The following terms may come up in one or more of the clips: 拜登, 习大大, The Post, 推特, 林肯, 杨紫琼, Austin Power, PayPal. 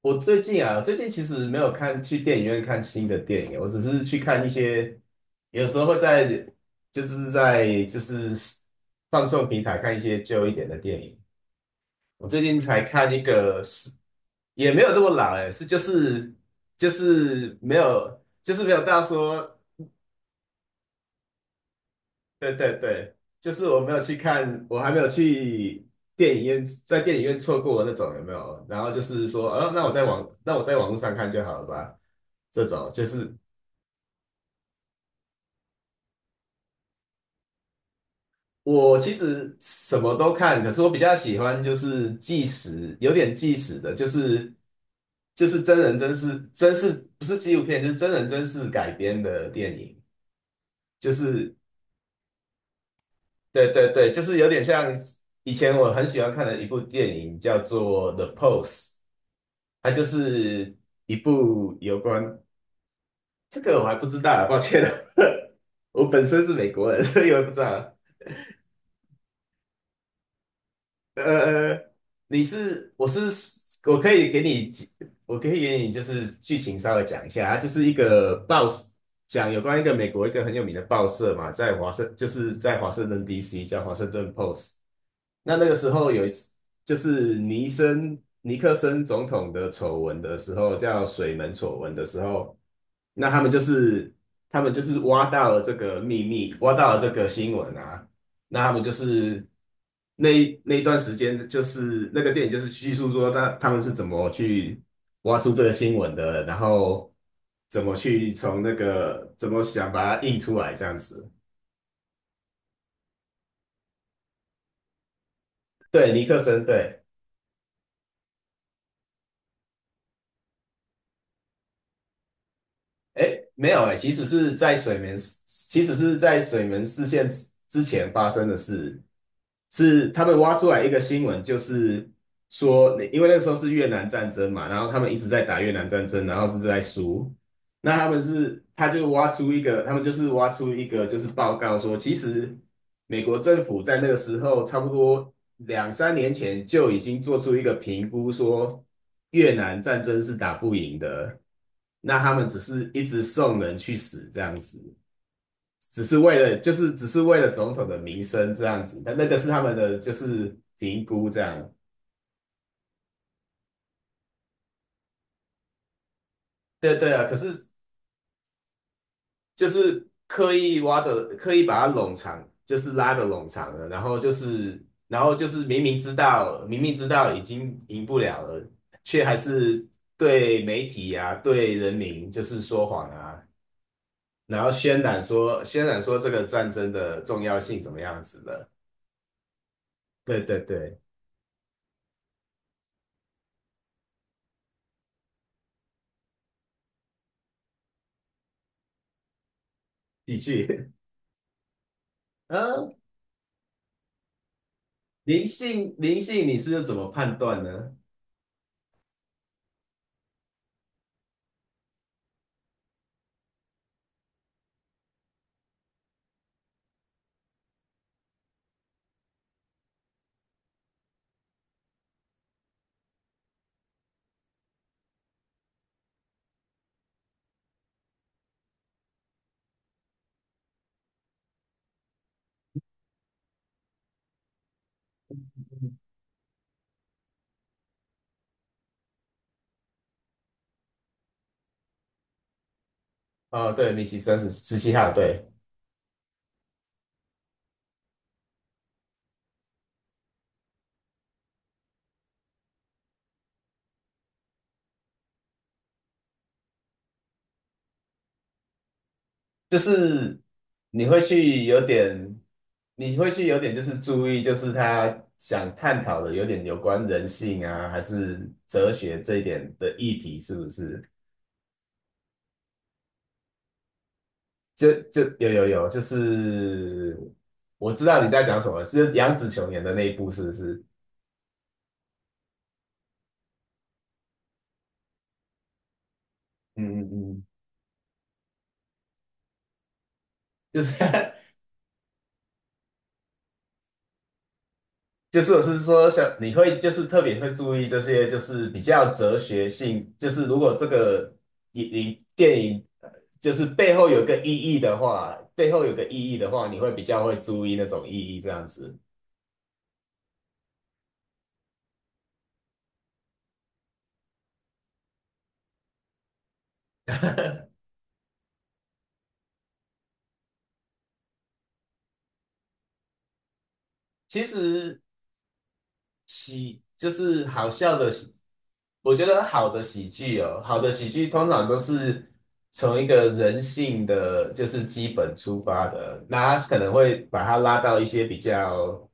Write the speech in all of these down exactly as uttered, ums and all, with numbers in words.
我最近啊，最近其实没有看去电影院看新的电影，我只是去看一些，有时候会在就是在就是放送平台看一些旧一点的电影。我最近才看一个是，也没有那么老哎，是就是就是没有就是没有到说对对对，就是我没有去看，我还没有去电影院，在电影院错过那种有没有？然后就是说，呃、那我在网，那我在网络上看就好了吧。这种就是我其实什么都看，可是我比较喜欢就是纪实，有点纪实的，就是就是真人真事，真事不是纪录片，就是真人真事改编的电影，就是对对对，就是有点像以前我很喜欢看的一部电影叫做《The Post》。它就是一部有关这个我还不知道啊抱歉了，我本身是美国人，所以我也不知道。呃，呃你是我是我可以给你几我可以给你就是剧情稍微讲一下，它就是一个报讲有关一个美国一个很有名的报社嘛，在华盛就是在华盛顿 D C 叫华盛顿 Post。那那个时候有一次，就是尼森尼克森总统的丑闻的时候，叫水门丑闻的时候，那他们就是他们就是挖到了这个秘密，挖到了这个新闻啊，那他们就是那一那一段时间，就是那个电影就是叙述说他他们是怎么去挖出这个新闻的，然后怎么去从那个怎么想把它印出来这样子。对，尼克森，对。哎，没有哎，其实是在水门，其实是在水门事件之前发生的事。是他们挖出来一个新闻，就是说，因为那时候是越南战争嘛，然后他们一直在打越南战争，然后是在输。那他们是，他就挖出一个，他们就是挖出一个，就是报告说，其实美国政府在那个时候，差不多两三年前就已经做出一个评估，说越南战争是打不赢的，那他们只是一直送人去死这样子。只是为了就是只是为了总统的名声这样子，但那个是他们的就是评估这样。对对啊，可是就是刻意挖的，刻意把它冗长，就是拉的冗长了，然后就是然后就是明明知道明明知道已经赢不了了，却还是对媒体啊对人民就是说谎啊，然后渲染说渲染说这个战争的重要性怎么样子的。对对对，喜剧。嗯，灵性，灵性，你是怎么判断呢？哦，对，米奇三十十七号，对，就是你会去有点，你会去有点就是注意，就是他想探讨的有点有关人性啊，还是哲学这一点的议题，是不是？就就有有有，就是我知道你在讲什么，是杨紫琼演的那一部，是不是？嗯嗯嗯，就是就是我是说像你会就是特别会注意这些，就是比较哲学性，就是如果这个影影电影呃就是背后有个意义的话，背后有个意义的话，你会比较会注意那种意义这样子。其实喜就是好笑的喜，我觉得好的喜剧哦，好的喜剧通常都是从一个人性的就是基本出发的，那它可能会把它拉到一些比较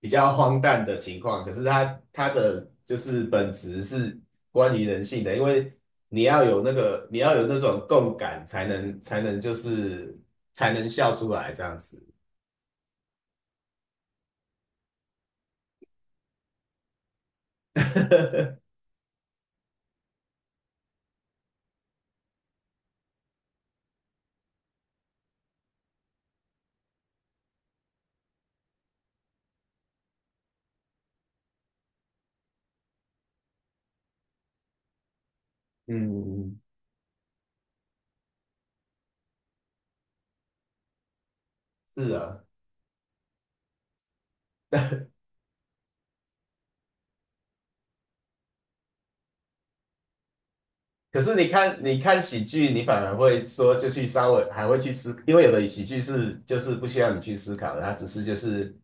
比较荒诞的情况，可是它它的就是本质是关于人性的，因为你要有那个你要有那种共感，才能才能就是才能笑出来这样子。嗯，是啊。可是你看，你看喜剧，你反而会说就去稍微还会去思，因为有的喜剧是就是不需要你去思考的，它只是就是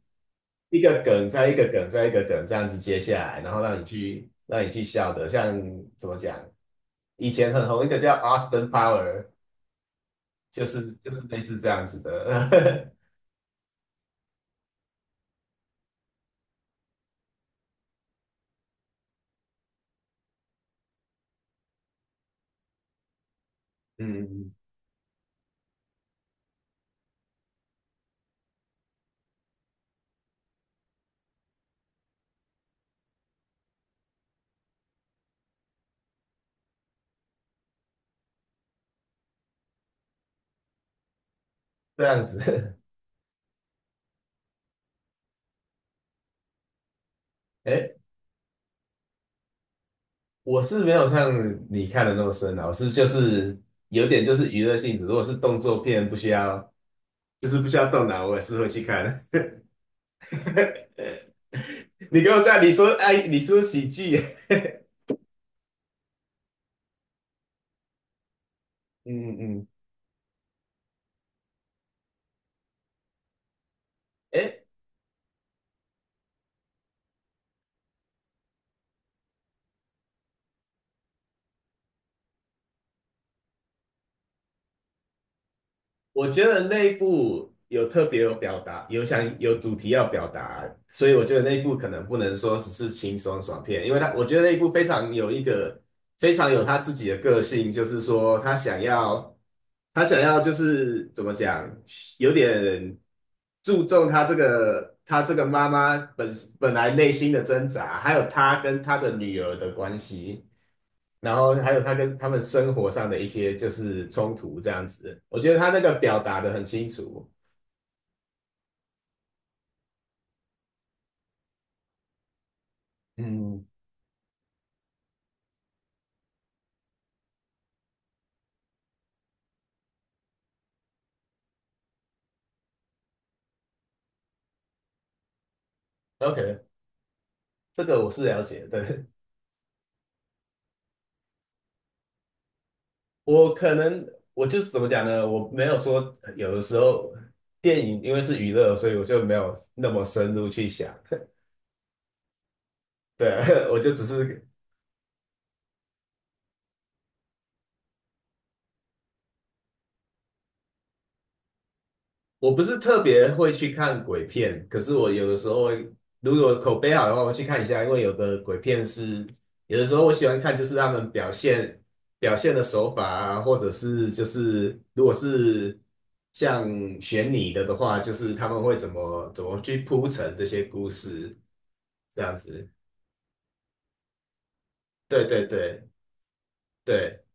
一个梗再一个梗再一个梗这样子接下来，然后让你去让你去笑的。像怎么讲，以前很红一个叫 Austin Power,就是就是类似这样子的，嗯，这样子。哎，我是没有像你看的那么深啊，我是就是有点就是娱乐性质，如果是动作片不需要就是不需要动脑，我也是会去看。你给我在，你说哎，你说喜剧，嗯嗯，哎，我觉得那一部有特别有表达，有想有主题要表达，所以我觉得那一部可能不能说只是轻松爽片，因为他我觉得那一部非常有一个非常有他自己的个性，就是说他想要他想要就是怎么讲，有点注重他这个他这个妈妈本本来内心的挣扎，还有他跟他的女儿的关系。然后还有他跟他们生活上的一些就是冲突这样子，我觉得他那个表达的很清楚。嗯，OK,这个我是了解的，对，我可能我就是怎么讲呢？我没有说呃有的时候电影因为是娱乐，所以我就没有那么深入去想。对，我就只是我不是特别会去看鬼片，可是我有的时候会如果口碑好的话，我会去看一下，因为有的鬼片是，有的时候我喜欢看，就是他们表现表现的手法啊，或者是就是如果是像悬疑的的话，就是他们会怎么怎么去铺陈这些故事，这样子。对对对对，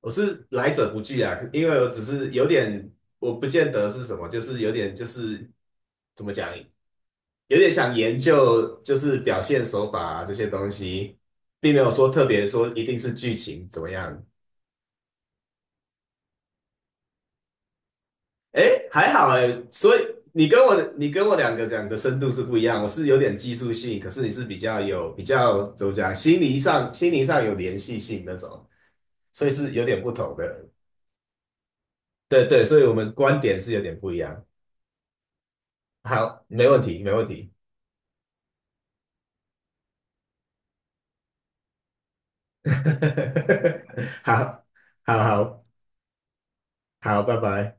我是来者不拒啊，因为我只是有点，我不见得是什么，就是有点就是怎么讲。有点想研究，就是表现手法啊这些东西，并没有说特别说一定是剧情怎么样。诶，还好诶，所以你跟我你跟我两个讲的深度是不一样，我是有点技术性，可是你是比较有比较怎么讲，心理上心理上有联系性那种，所以是有点不同的。对对，所以我们观点是有点不一样。好，没问题，没问题。好，好好好拜拜。